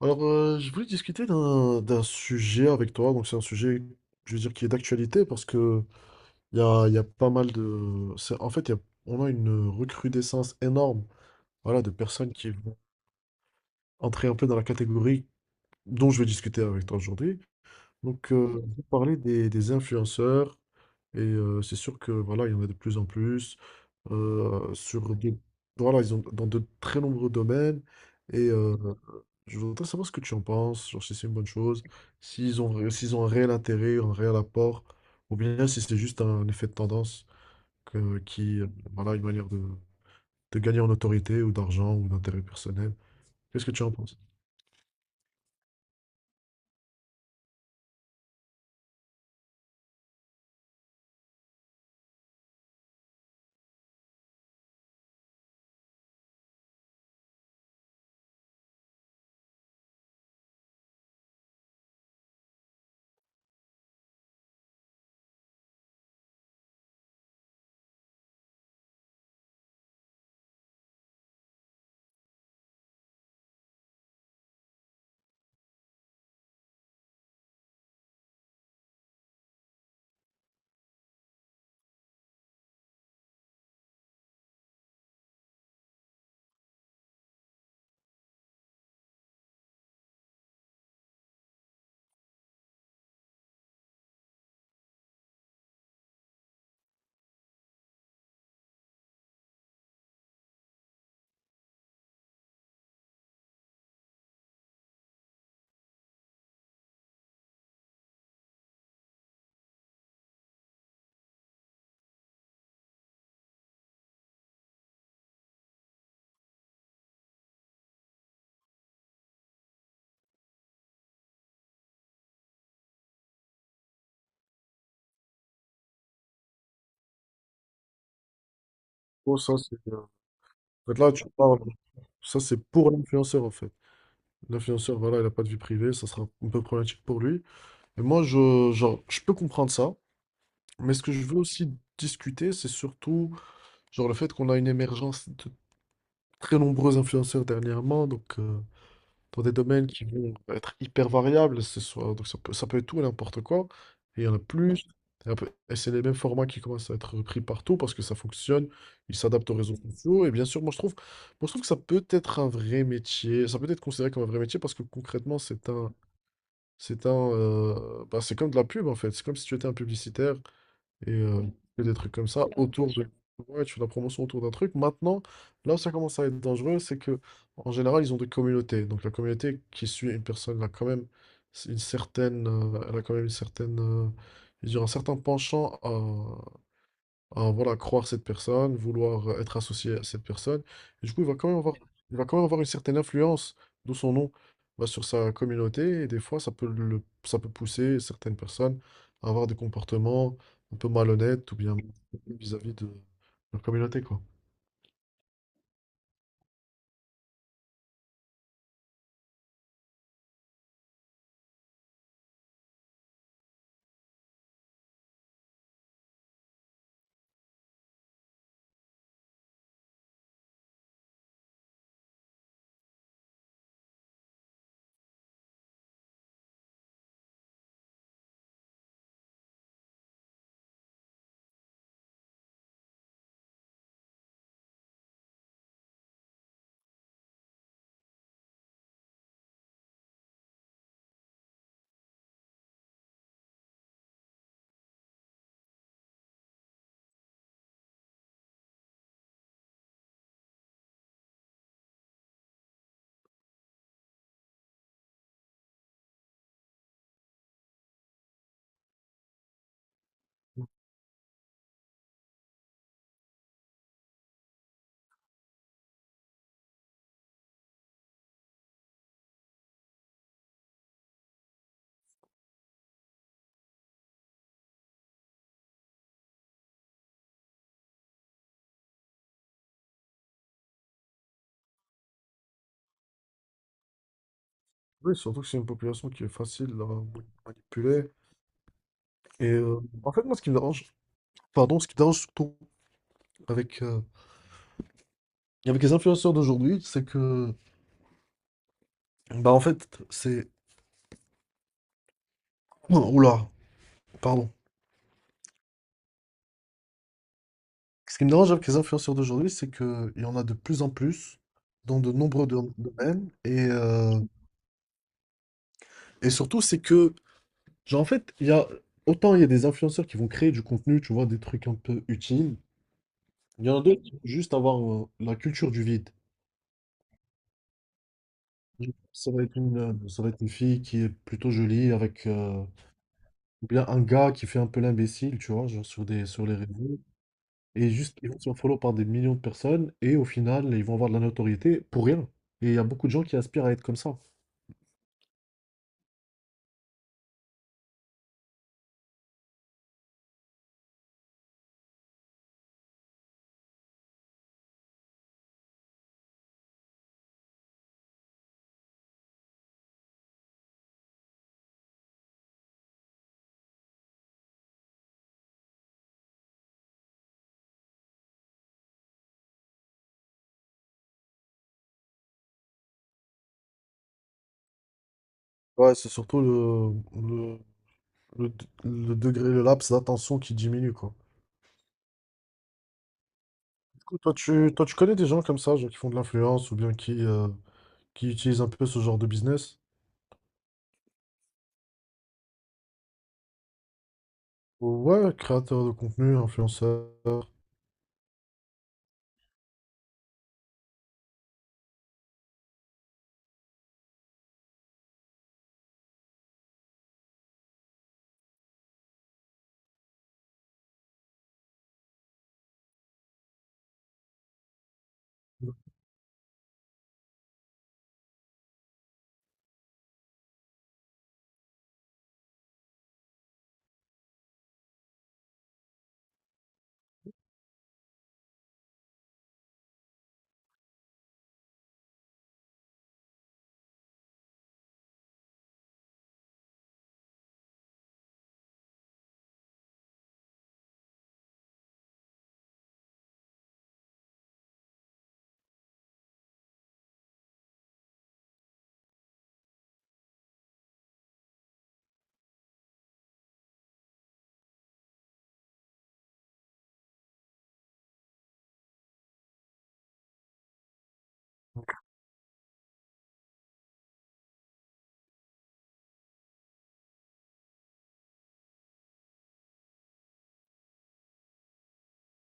Alors, je voulais discuter d'un sujet avec toi. Donc, c'est un sujet, je veux dire, qui est d'actualité parce que il y a pas mal de. C'est- En fait, il y a- on a une recrudescence énorme, voilà, de personnes qui vont entrer un peu dans la catégorie dont je vais discuter avec toi aujourd'hui. Donc, on va parler des influenceurs et c'est sûr que voilà, il y en a de plus en plus euh, sur des- voilà, ils ont dans de très nombreux domaines et je voudrais savoir ce que tu en penses, genre si c'est une bonne chose, s'ils ont un réel intérêt, un réel apport, ou bien si c'est juste un effet de tendance que- qui, euh, voilà, une manière de gagner en autorité ou d'argent ou d'intérêt personnel. Qu'est-ce que tu en penses? Oh, ça, en fait, là, tu parles, ça, c'est pour l'influenceur, en fait. L'influenceur, voilà, il n'a pas de vie privée, ça sera un peu problématique pour lui. Et moi, je, genre, je peux comprendre ça, mais ce que je veux aussi discuter, c'est surtout, genre, le fait qu'on a une émergence très nombreux influenceurs dernièrement, donc dans des domaines qui vont être hyper variables, ce soit, donc ça peut être tout et n'importe quoi, et il y en a plus, et c'est les mêmes formats qui commencent à être repris partout parce que ça fonctionne, ils s'adaptent aux réseaux sociaux, et bien sûr, moi, je trouve que ça peut être un vrai métier, ça peut être considéré comme un vrai métier parce que concrètement, bah, c'est comme de la pub en fait, c'est comme si tu étais un publicitaire et que des trucs comme ça autour de ouais, tu fais la promotion autour d'un truc. Maintenant, là où ça commence à être dangereux, c'est que en général, ils ont des communautés. Donc la communauté qui suit une personne, elle a quand même une elle a quand même une certaine, je veux dire, un certain penchant à voilà, croire cette personne, vouloir être associé à cette personne. Et du coup, il va quand même avoir une certaine influence, d'où son nom, bah, sur sa communauté. Et des fois, ça peut pousser certaines personnes à avoir des comportements un peu malhonnêtes ou bien vis-à-vis de leur communauté, quoi. Oui, surtout que c'est une population qui est facile à manipuler. Et en fait, moi, ce qui me dérange, pardon, ce qui me dérange surtout avec, euh, avec les influenceurs d'aujourd'hui, c'est que bah en fait, c'est... Oh, oula, pardon. Ce qui me dérange avec les influenceurs d'aujourd'hui, c'est qu'il y en a de plus en plus dans de nombreux domaines. Et surtout, c'est que, genre en fait, il y a... Autant il y a des influenceurs qui vont créer du contenu, tu vois, des trucs un peu utiles. Il y en a d'autres qui vont juste avoir la culture du vide. Ça va être ça va être une fille qui est plutôt jolie avec... ou bien un gars qui fait un peu l'imbécile, tu vois, genre sur sur les réseaux. Et juste, ils vont se faire follow par des millions de personnes et au final, ils vont avoir de la notoriété pour rien. Et il y a beaucoup de gens qui aspirent à être comme ça. Ouais, c'est surtout le, le, le degré, le laps d'attention qui diminue, quoi. Du coup, toi, tu connais des gens comme ça, genre qui font de l'influence ou bien qui utilisent un peu ce genre de business? Ouais, créateur de contenu, influenceur.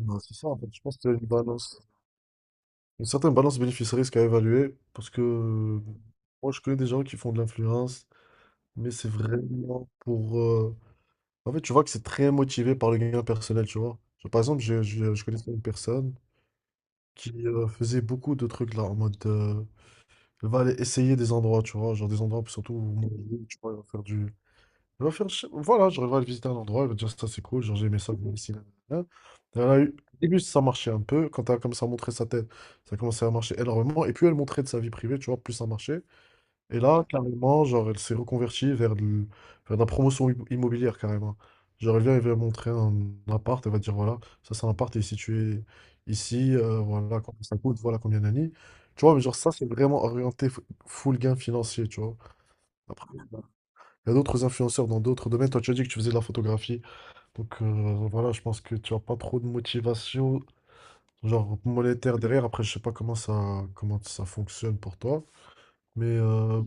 Ouais, c'est ça, en fait. Je pense qu'il y a une balance, une certaine balance bénéfice-risque à évaluer parce que moi, je connais des gens qui font de l'influence. Mais c'est vraiment pour... En fait, tu vois que c'est très motivé par le gain personnel, tu vois. Genre, par exemple, je connaissais une personne qui faisait beaucoup de trucs là, en mode... elle va aller essayer des endroits, tu vois. Genre des endroits, surtout où manger, tu vois, elle va faire du... Elle va faire... Voilà, genre elle va aller visiter un endroit, elle va dire ça c'est cool, genre j'ai aimé ça, je vais ici, là. Elle a eu... Au début, ça marchait un peu. Quand elle a commencé à montrer sa tête, ça a commencé à marcher énormément. Et plus elle montrait de sa vie privée, tu vois, plus ça marchait. Et là, carrément, genre, elle s'est reconvertie vers de la promotion immobilière, carrément. Genre, elle vient, elle va montrer un appart, elle va dire, voilà, ça c'est un appart, il est situé ici, voilà combien ça coûte, voilà combien d'années. Tu vois, mais genre, ça, c'est vraiment orienté full gain financier, tu vois. Après, il y a d'autres influenceurs dans d'autres domaines. Toi, tu as dit que tu faisais de la photographie. Donc, voilà, je pense que tu n'as pas trop de motivation, genre monétaire derrière. Après, je sais pas comment ça fonctionne pour toi. Mais euh,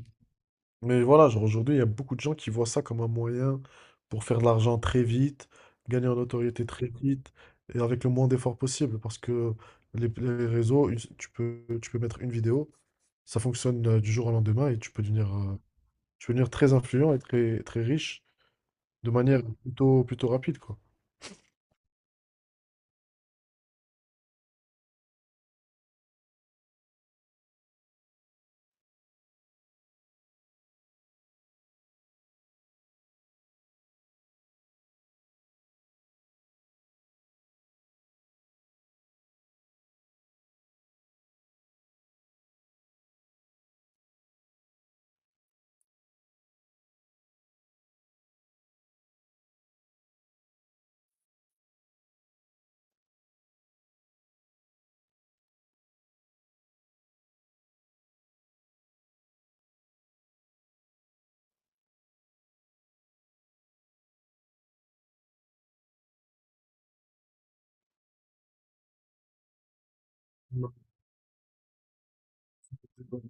mais voilà, genre aujourd'hui, il y a beaucoup de gens qui voient ça comme un moyen pour faire de l'argent très vite, gagner en notoriété très vite et avec le moins d'efforts possible parce que les réseaux, tu peux mettre une vidéo, ça fonctionne du jour au lendemain et tu peux devenir très influent et très, très riche de manière plutôt rapide, quoi. Non, c'est bon.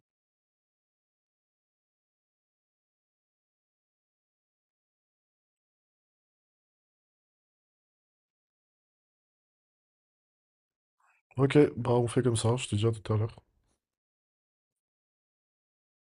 Ok, bah on fait comme ça, je te dis à tout à l'heure.